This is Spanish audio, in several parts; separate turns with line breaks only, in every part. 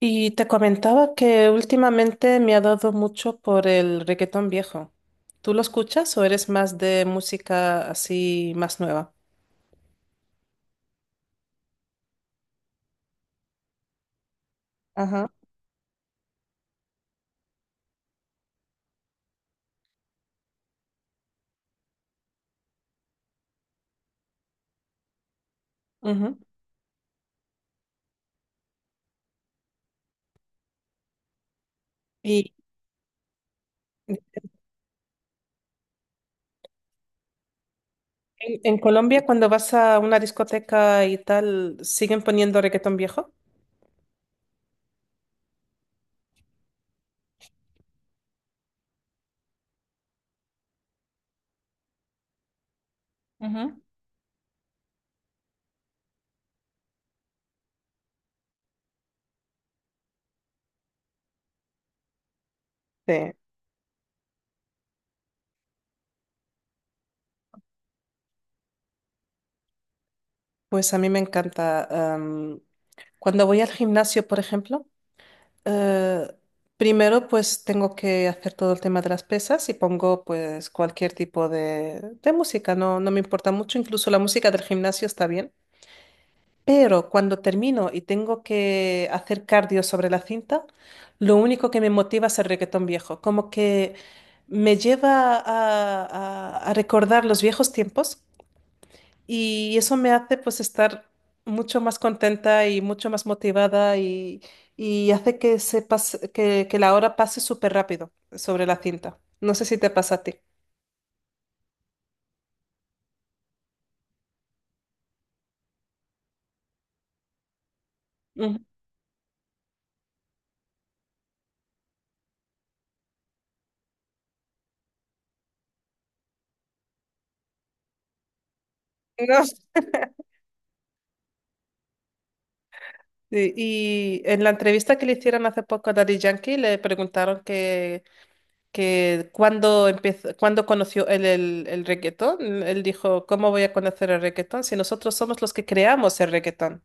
Y te comentaba que últimamente me ha dado mucho por el reggaetón viejo. ¿Tú lo escuchas o eres más de música así más nueva? Ajá. Ujú. Y en Colombia, cuando vas a una discoteca y tal, ¿siguen poniendo reggaetón viejo? Ujú. Sí. Pues a mí me encanta. Cuando voy al gimnasio, por ejemplo, Eh, primero, pues tengo que hacer todo el tema de las pesas y pongo pues cualquier tipo de, música. No, no me importa mucho, incluso la música del gimnasio está bien. Pero cuando termino y tengo que hacer cardio sobre la cinta, lo único que me motiva es el reggaetón viejo, como que me lleva a, a recordar los viejos tiempos, y eso me hace pues estar mucho más contenta y mucho más motivada, y hace que que la hora pase súper rápido sobre la cinta. No sé si te pasa a ti. Ujú. No. Sí. Y en la entrevista que le hicieron hace poco a Daddy Yankee le preguntaron que cuándo empezó, cuándo conoció él el reggaetón. Él dijo: «¿Cómo voy a conocer el reggaetón si nosotros somos los que creamos el reggaetón?».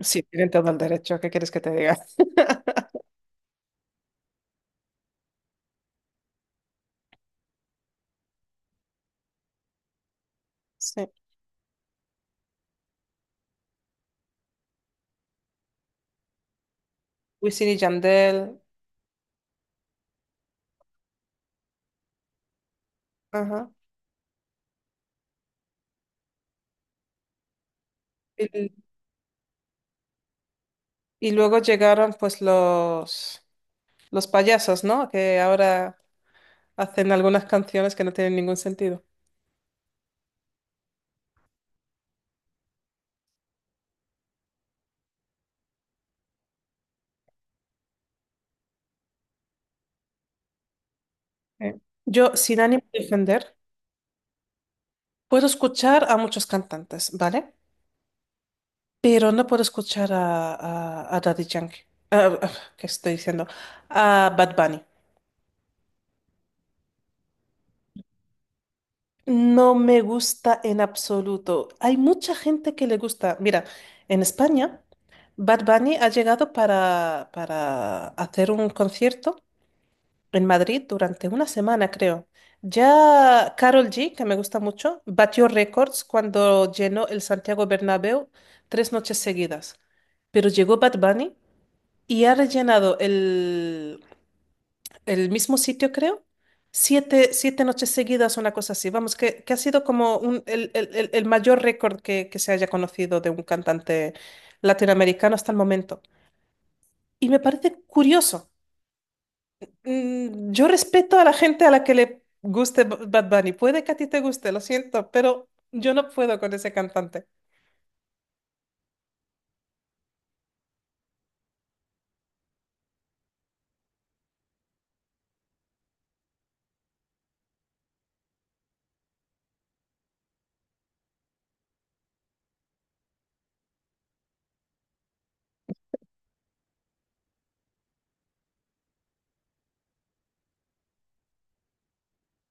Sí, tienen todo el derecho, ¿qué quieres que te diga? Sí. Wisin y Yandel. Ajá. Y, y luego llegaron pues los payasos, ¿no?, que ahora hacen algunas canciones que no tienen ningún sentido. Sí. Yo, sin ánimo de defender, puedo escuchar a muchos cantantes, ¿vale? Pero no puedo escuchar a, a Daddy Yankee. Ah, ¿qué estoy diciendo? A Bad Bunny. No me gusta en absoluto. Hay mucha gente que le gusta. Mira, en España, Bad Bunny ha llegado para, hacer un concierto en Madrid durante una semana, creo. Ya Carol G, que me gusta mucho, batió récords cuando llenó el Santiago Bernabéu tres noches seguidas. Pero llegó Bad Bunny y ha rellenado el mismo sitio, creo. Siete noches seguidas, una cosa así. Vamos, que ha sido como el mayor récord que se haya conocido de un cantante latinoamericano hasta el momento. Y me parece curioso. Yo respeto a la gente a la que le guste Bad Bunny. Puede que a ti te guste, lo siento, pero yo no puedo con ese cantante.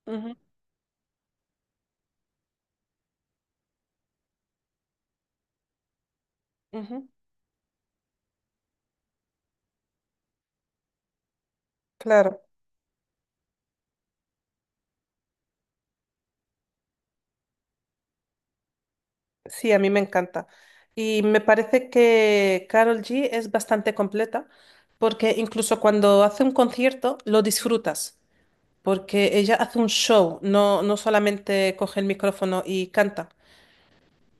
Ujú, ujú. Claro. Sí, a mí me encanta. Y me parece que Carol G es bastante completa, porque incluso cuando hace un concierto lo disfrutas, porque ella hace un show, no, no solamente coge el micrófono y canta.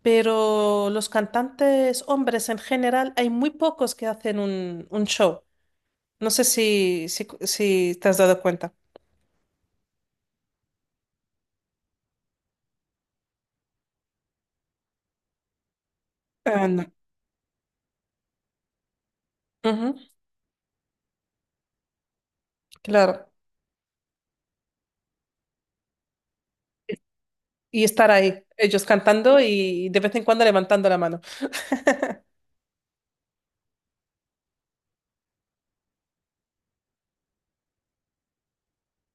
Pero los cantantes hombres en general, hay muy pocos que hacen un show. No sé si, si te has dado cuenta. Ah, no. Ujú, claro. Y estar ahí, ellos cantando y de vez en cuando levantando la mano.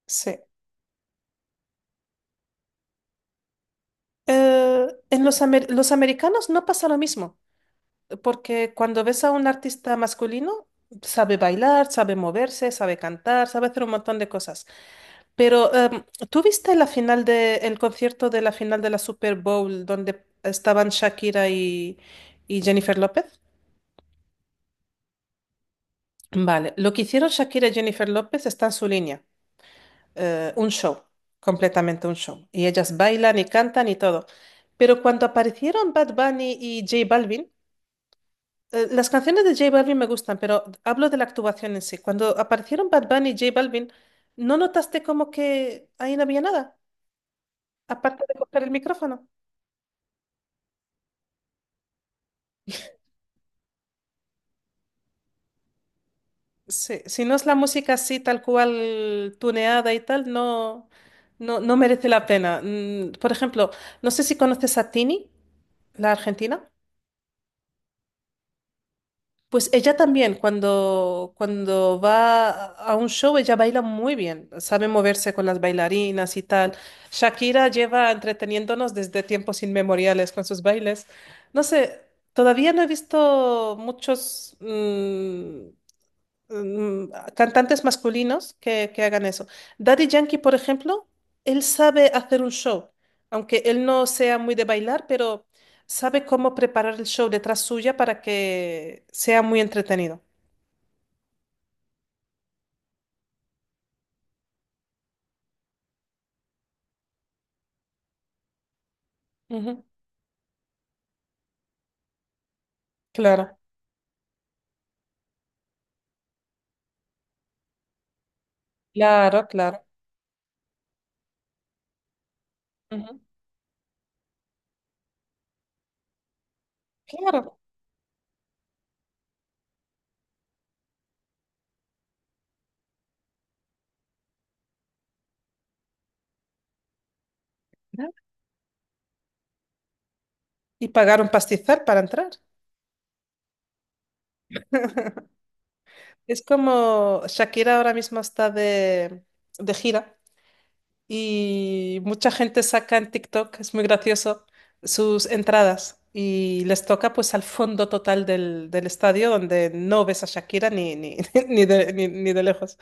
Sí. En los americanos no pasa lo mismo, porque cuando ves a un artista masculino, sabe bailar, sabe moverse, sabe cantar, sabe hacer un montón de cosas. Pero, ¿tú viste la final de, el concierto de la final de la Super Bowl donde estaban Shakira y Jennifer López? Vale, lo que hicieron Shakira y Jennifer López está en su línea, un show, completamente un show. Y ellas bailan y cantan y todo. Pero cuando aparecieron Bad Bunny y J Balvin. Las canciones de J Balvin me gustan, pero hablo de la actuación en sí. Cuando aparecieron Bad Bunny y J Balvin, ¿no notaste como que ahí no había nada? Aparte de coger el micrófono. Sí, si no es la música así, tal cual, tuneada y tal, no, no, no merece la pena. Por ejemplo, no sé si conoces a Tini, la argentina. Pues ella también, cuando, va a un show, ella baila muy bien, sabe moverse con las bailarinas y tal. Shakira lleva entreteniéndonos desde tiempos inmemoriales con sus bailes. No sé, todavía no he visto muchos, mm, cantantes masculinos que hagan eso. Daddy Yankee, por ejemplo, él sabe hacer un show, aunque él no sea muy de bailar, pero sabe cómo preparar el show detrás suya para que sea muy entretenido. Ujú. Claro, claro, claro. Ujú. Claro. Y pagar un pastizal para entrar. Es como Shakira, ahora mismo está de, gira, y mucha gente saca en TikTok, es muy gracioso, sus entradas y les toca pues al fondo total del, estadio donde no ves a Shakira ni, ni, ni de lejos.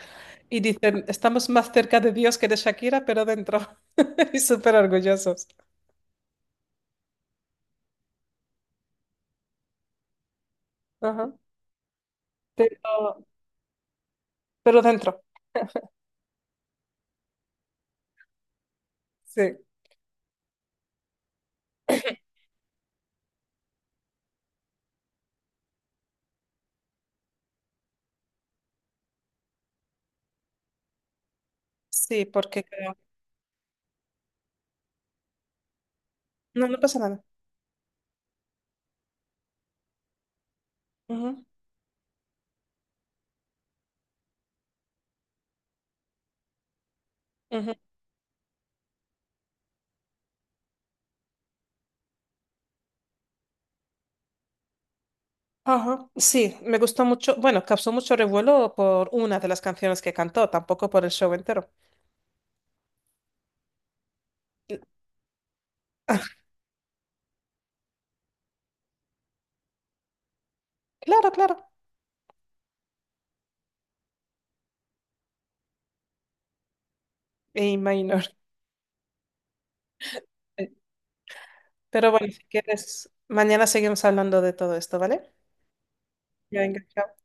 Y dicen: «Estamos más cerca de Dios que de Shakira, pero dentro». Y súper orgullosos. Ajá. Pero, pero dentro. Sí. Sí, porque creo. No, no pasa nada. Ujú, ujú. Ajá. Sí, me gustó mucho. Bueno, causó mucho revuelo por una de las canciones que cantó, tampoco por el show entero. Ah, claro, claro, me imagino. Pero bueno, si quieres, mañana seguimos hablando de todo esto, ¿vale? Ya. Venga, chao.